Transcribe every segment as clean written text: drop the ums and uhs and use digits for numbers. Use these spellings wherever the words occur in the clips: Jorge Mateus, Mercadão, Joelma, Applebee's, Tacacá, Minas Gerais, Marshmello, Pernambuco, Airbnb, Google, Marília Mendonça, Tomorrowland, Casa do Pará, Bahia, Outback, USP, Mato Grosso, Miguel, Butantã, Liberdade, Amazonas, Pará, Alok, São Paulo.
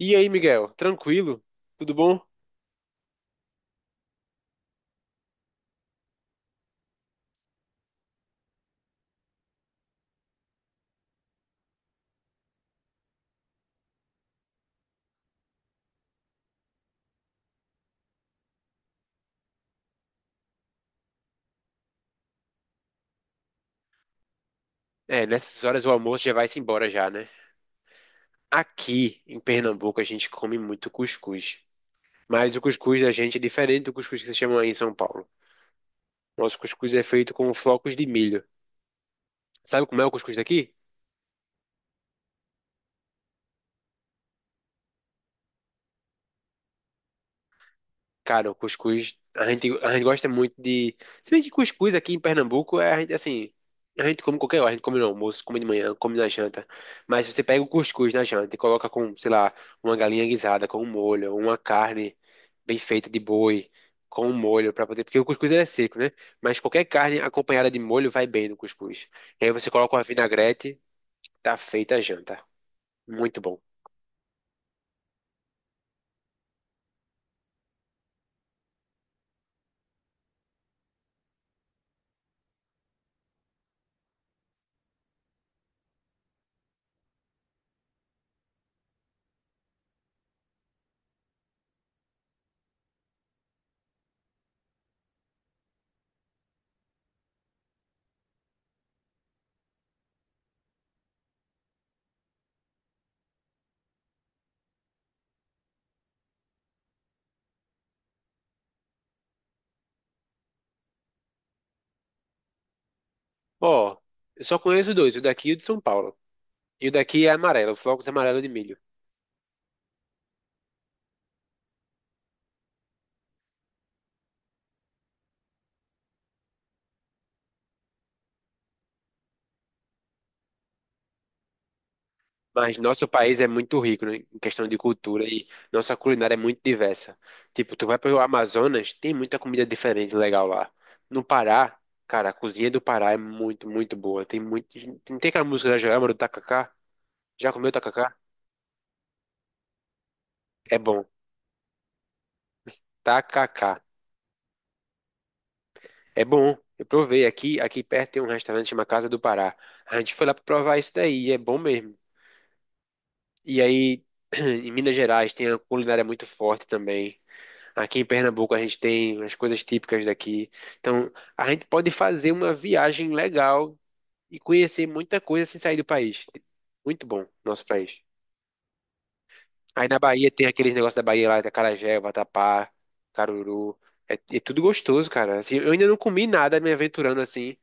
E aí, Miguel? Tranquilo? Tudo bom? É, nessas horas o almoço já vai-se embora já, né? Aqui em Pernambuco a gente come muito cuscuz. Mas o cuscuz da gente é diferente do cuscuz que vocês chamam aí em São Paulo. Nosso cuscuz é feito com flocos de milho. Sabe como é o cuscuz daqui? Cara, o cuscuz, a gente gosta muito de. Se bem que cuscuz aqui em Pernambuco é, a gente, assim, a gente come qualquer hora, a gente come no almoço, come de manhã, come na janta. Mas se você pega o cuscuz na janta e coloca com, sei lá, uma galinha guisada com um molho, uma carne bem feita de boi com um molho pra poder. Porque o cuscuz ele é seco, né? Mas qualquer carne acompanhada de molho vai bem no cuscuz. E aí você coloca uma vinagrete, tá feita a janta. Muito bom. Ó, eu só conheço dois, o daqui e o de São Paulo. E o daqui é amarelo, flocos é amarelo de milho. Mas nosso país é muito rico, né, em questão de cultura e nossa culinária é muito diversa. Tipo, tu vai pro Amazonas, tem muita comida diferente legal lá. No Pará, cara, a cozinha do Pará é muito, muito boa. Tem muito, tem aquela música da Joelma do Tacacá? Já comeu tacacá? É bom. Tacacá. É bom. Eu provei aqui, aqui perto tem um restaurante chamado Casa do Pará. A gente foi lá pra provar isso daí, e é bom mesmo. E aí, em Minas Gerais tem a culinária muito forte também. Aqui em Pernambuco a gente tem as coisas típicas daqui. Então, a gente pode fazer uma viagem legal e conhecer muita coisa sem sair do país. Muito bom, nosso país. Aí na Bahia tem aqueles negócios da Bahia lá, da acarajé, vatapá, caruru. É, é tudo gostoso, cara. Assim, eu ainda não comi nada me aventurando assim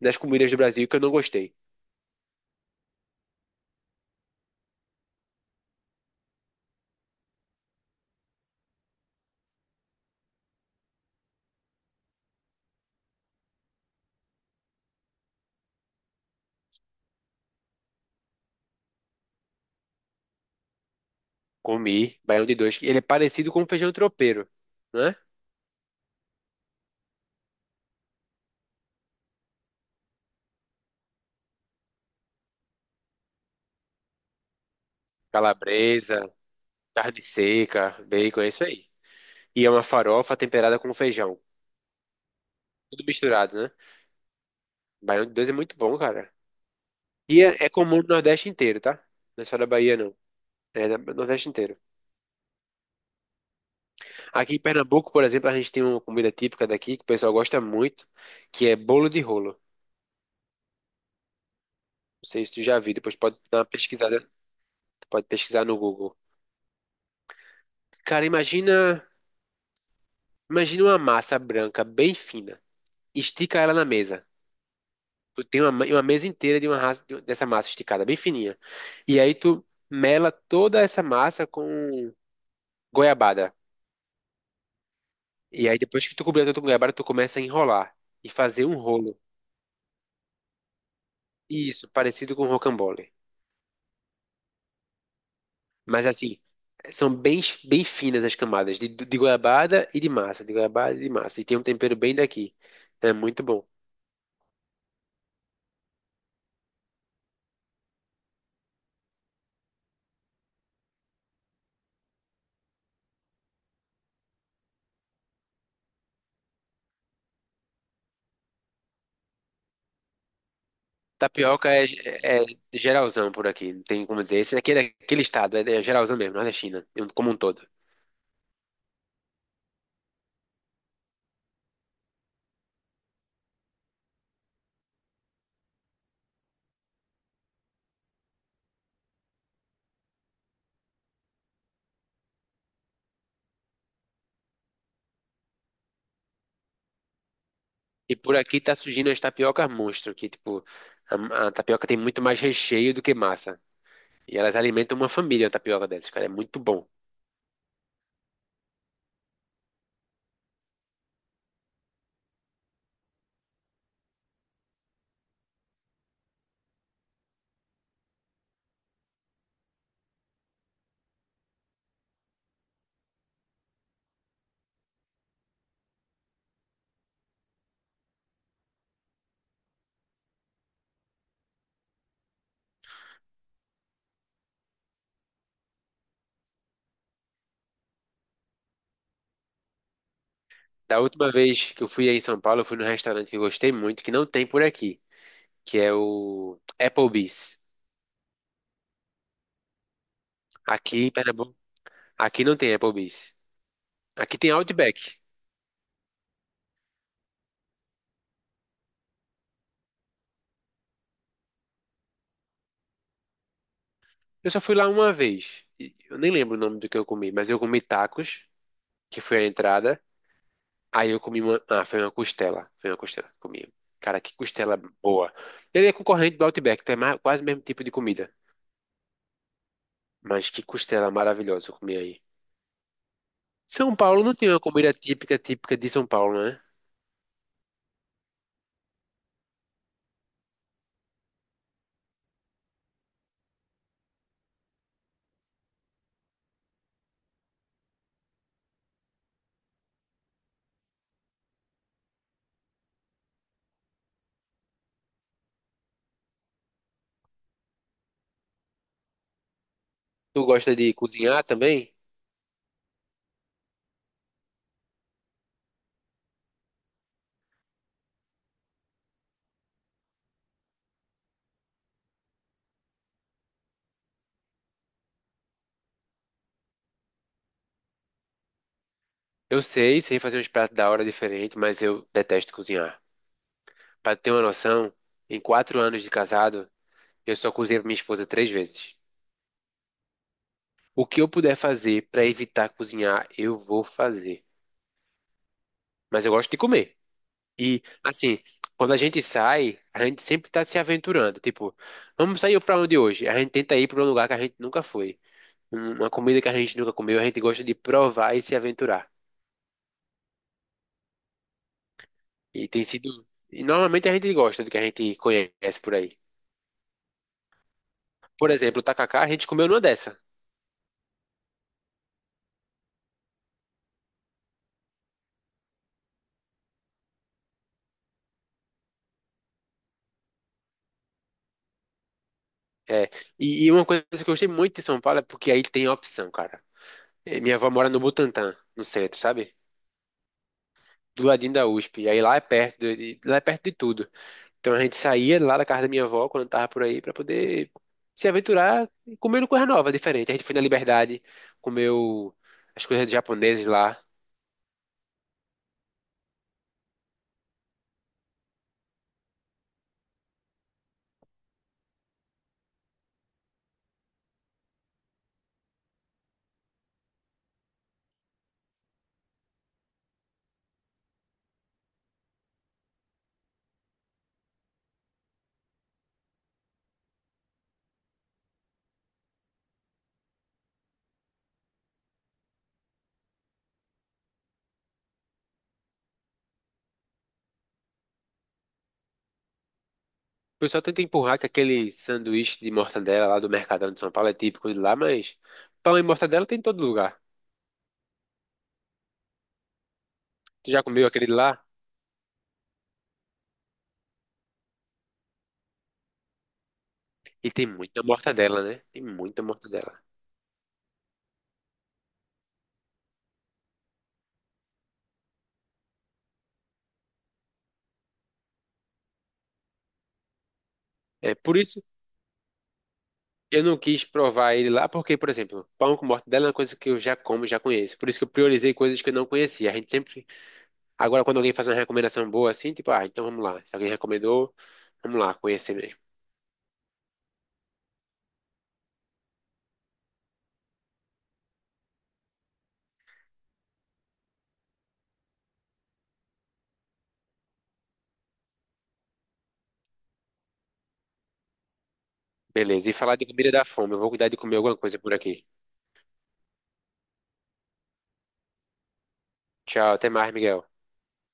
nas comidas do Brasil que eu não gostei. Comi baião de dois, que ele é parecido com feijão tropeiro, né? Calabresa, carne seca, bacon, é isso aí. E é uma farofa temperada com feijão. Tudo misturado, né? Baião de dois é muito bom, cara. E é, é comum no Nordeste inteiro, tá? Não é só da Bahia, não. No Nordeste inteiro. Aqui em Pernambuco, por exemplo, a gente tem uma comida típica daqui que o pessoal gosta muito, que é bolo de rolo. Não sei se tu já viu, depois pode dar uma pesquisada, pode pesquisar no Google. Cara, imagina, imagina uma massa branca bem fina. Estica ela na mesa. Tu tem uma, uma mesa inteira de uma raça, dessa massa esticada, bem fininha. E aí tu mela toda essa massa com goiabada. E aí depois que tu completa o tucunarabara, tu começa a enrolar e fazer um rolo. Isso, parecido com rocambole. Mas assim, são bem, bem finas as camadas de goiabada e de massa, de goiabada e de massa. E tem um tempero bem daqui. É muito bom. Tapioca é, é geralzão por aqui, não tem como dizer. Esse daqui é daquele estado, é, é geralzão mesmo, não é da China, é como um todo. E por aqui tá surgindo as tapiocas monstro, que tipo, a tapioca tem muito mais recheio do que massa. E elas alimentam uma família, a tapioca dessas, cara, é muito bom. Da última vez que eu fui aí em São Paulo, eu fui num restaurante que eu gostei muito, que não tem por aqui, que é o Applebee's. Aqui em Pernambuco, aqui não tem Applebee's. Aqui tem Outback. Eu só fui lá uma vez. Eu nem lembro o nome do que eu comi, mas eu comi tacos, que foi a entrada. Aí eu comi uma, ah, foi uma costela que eu comi. Cara, que costela boa. Ele é concorrente do Outback, tem mais, quase o mesmo tipo de comida, mas que costela maravilhosa eu comi aí. São Paulo não tem uma comida típica, típica de São Paulo, né? Tu gosta de cozinhar também? Eu sei, sei fazer uns pratos da hora diferente, mas eu detesto cozinhar. Pra ter uma noção, em 4 anos de casado, eu só cozinhei pra minha esposa 3 vezes. O que eu puder fazer pra evitar cozinhar, eu vou fazer. Mas eu gosto de comer. E, assim, quando a gente sai, a gente sempre tá se aventurando. Tipo, vamos sair pra onde hoje? A gente tenta ir pra um lugar que a gente nunca foi. Uma comida que a gente nunca comeu, a gente gosta de provar e se aventurar. E tem sido. E normalmente a gente gosta do que a gente conhece por aí. Por exemplo, o tacacá, a gente comeu numa dessa. É. E, e uma coisa que eu gostei muito de São Paulo é porque aí tem opção, cara. Eh, minha avó mora no Butantã, no centro, sabe? Do ladinho da USP. E aí lá é perto lá é perto de tudo. Então a gente saía lá da casa da minha avó quando tava por aí pra poder se aventurar e comendo coisa nova, diferente. A gente foi na Liberdade, comeu as coisas japoneses lá. O pessoal tenta empurrar que aquele sanduíche de mortadela lá do Mercadão de São Paulo é típico de lá, mas pão e mortadela tem em todo lugar. Tu já comeu aquele de lá? E tem muita mortadela, né? Tem muita mortadela. É por isso eu não quis provar ele lá, porque, por exemplo, pão com mortadela é uma coisa que eu já como, já conheço. Por isso que eu priorizei coisas que eu não conhecia. A gente sempre. Agora, quando alguém faz uma recomendação boa assim, tipo, ah, então vamos lá. Se alguém recomendou, vamos lá, conhecer mesmo. Beleza. E falar de comida dá fome. Eu vou cuidar de comer alguma coisa por aqui. Tchau, até mais, Miguel.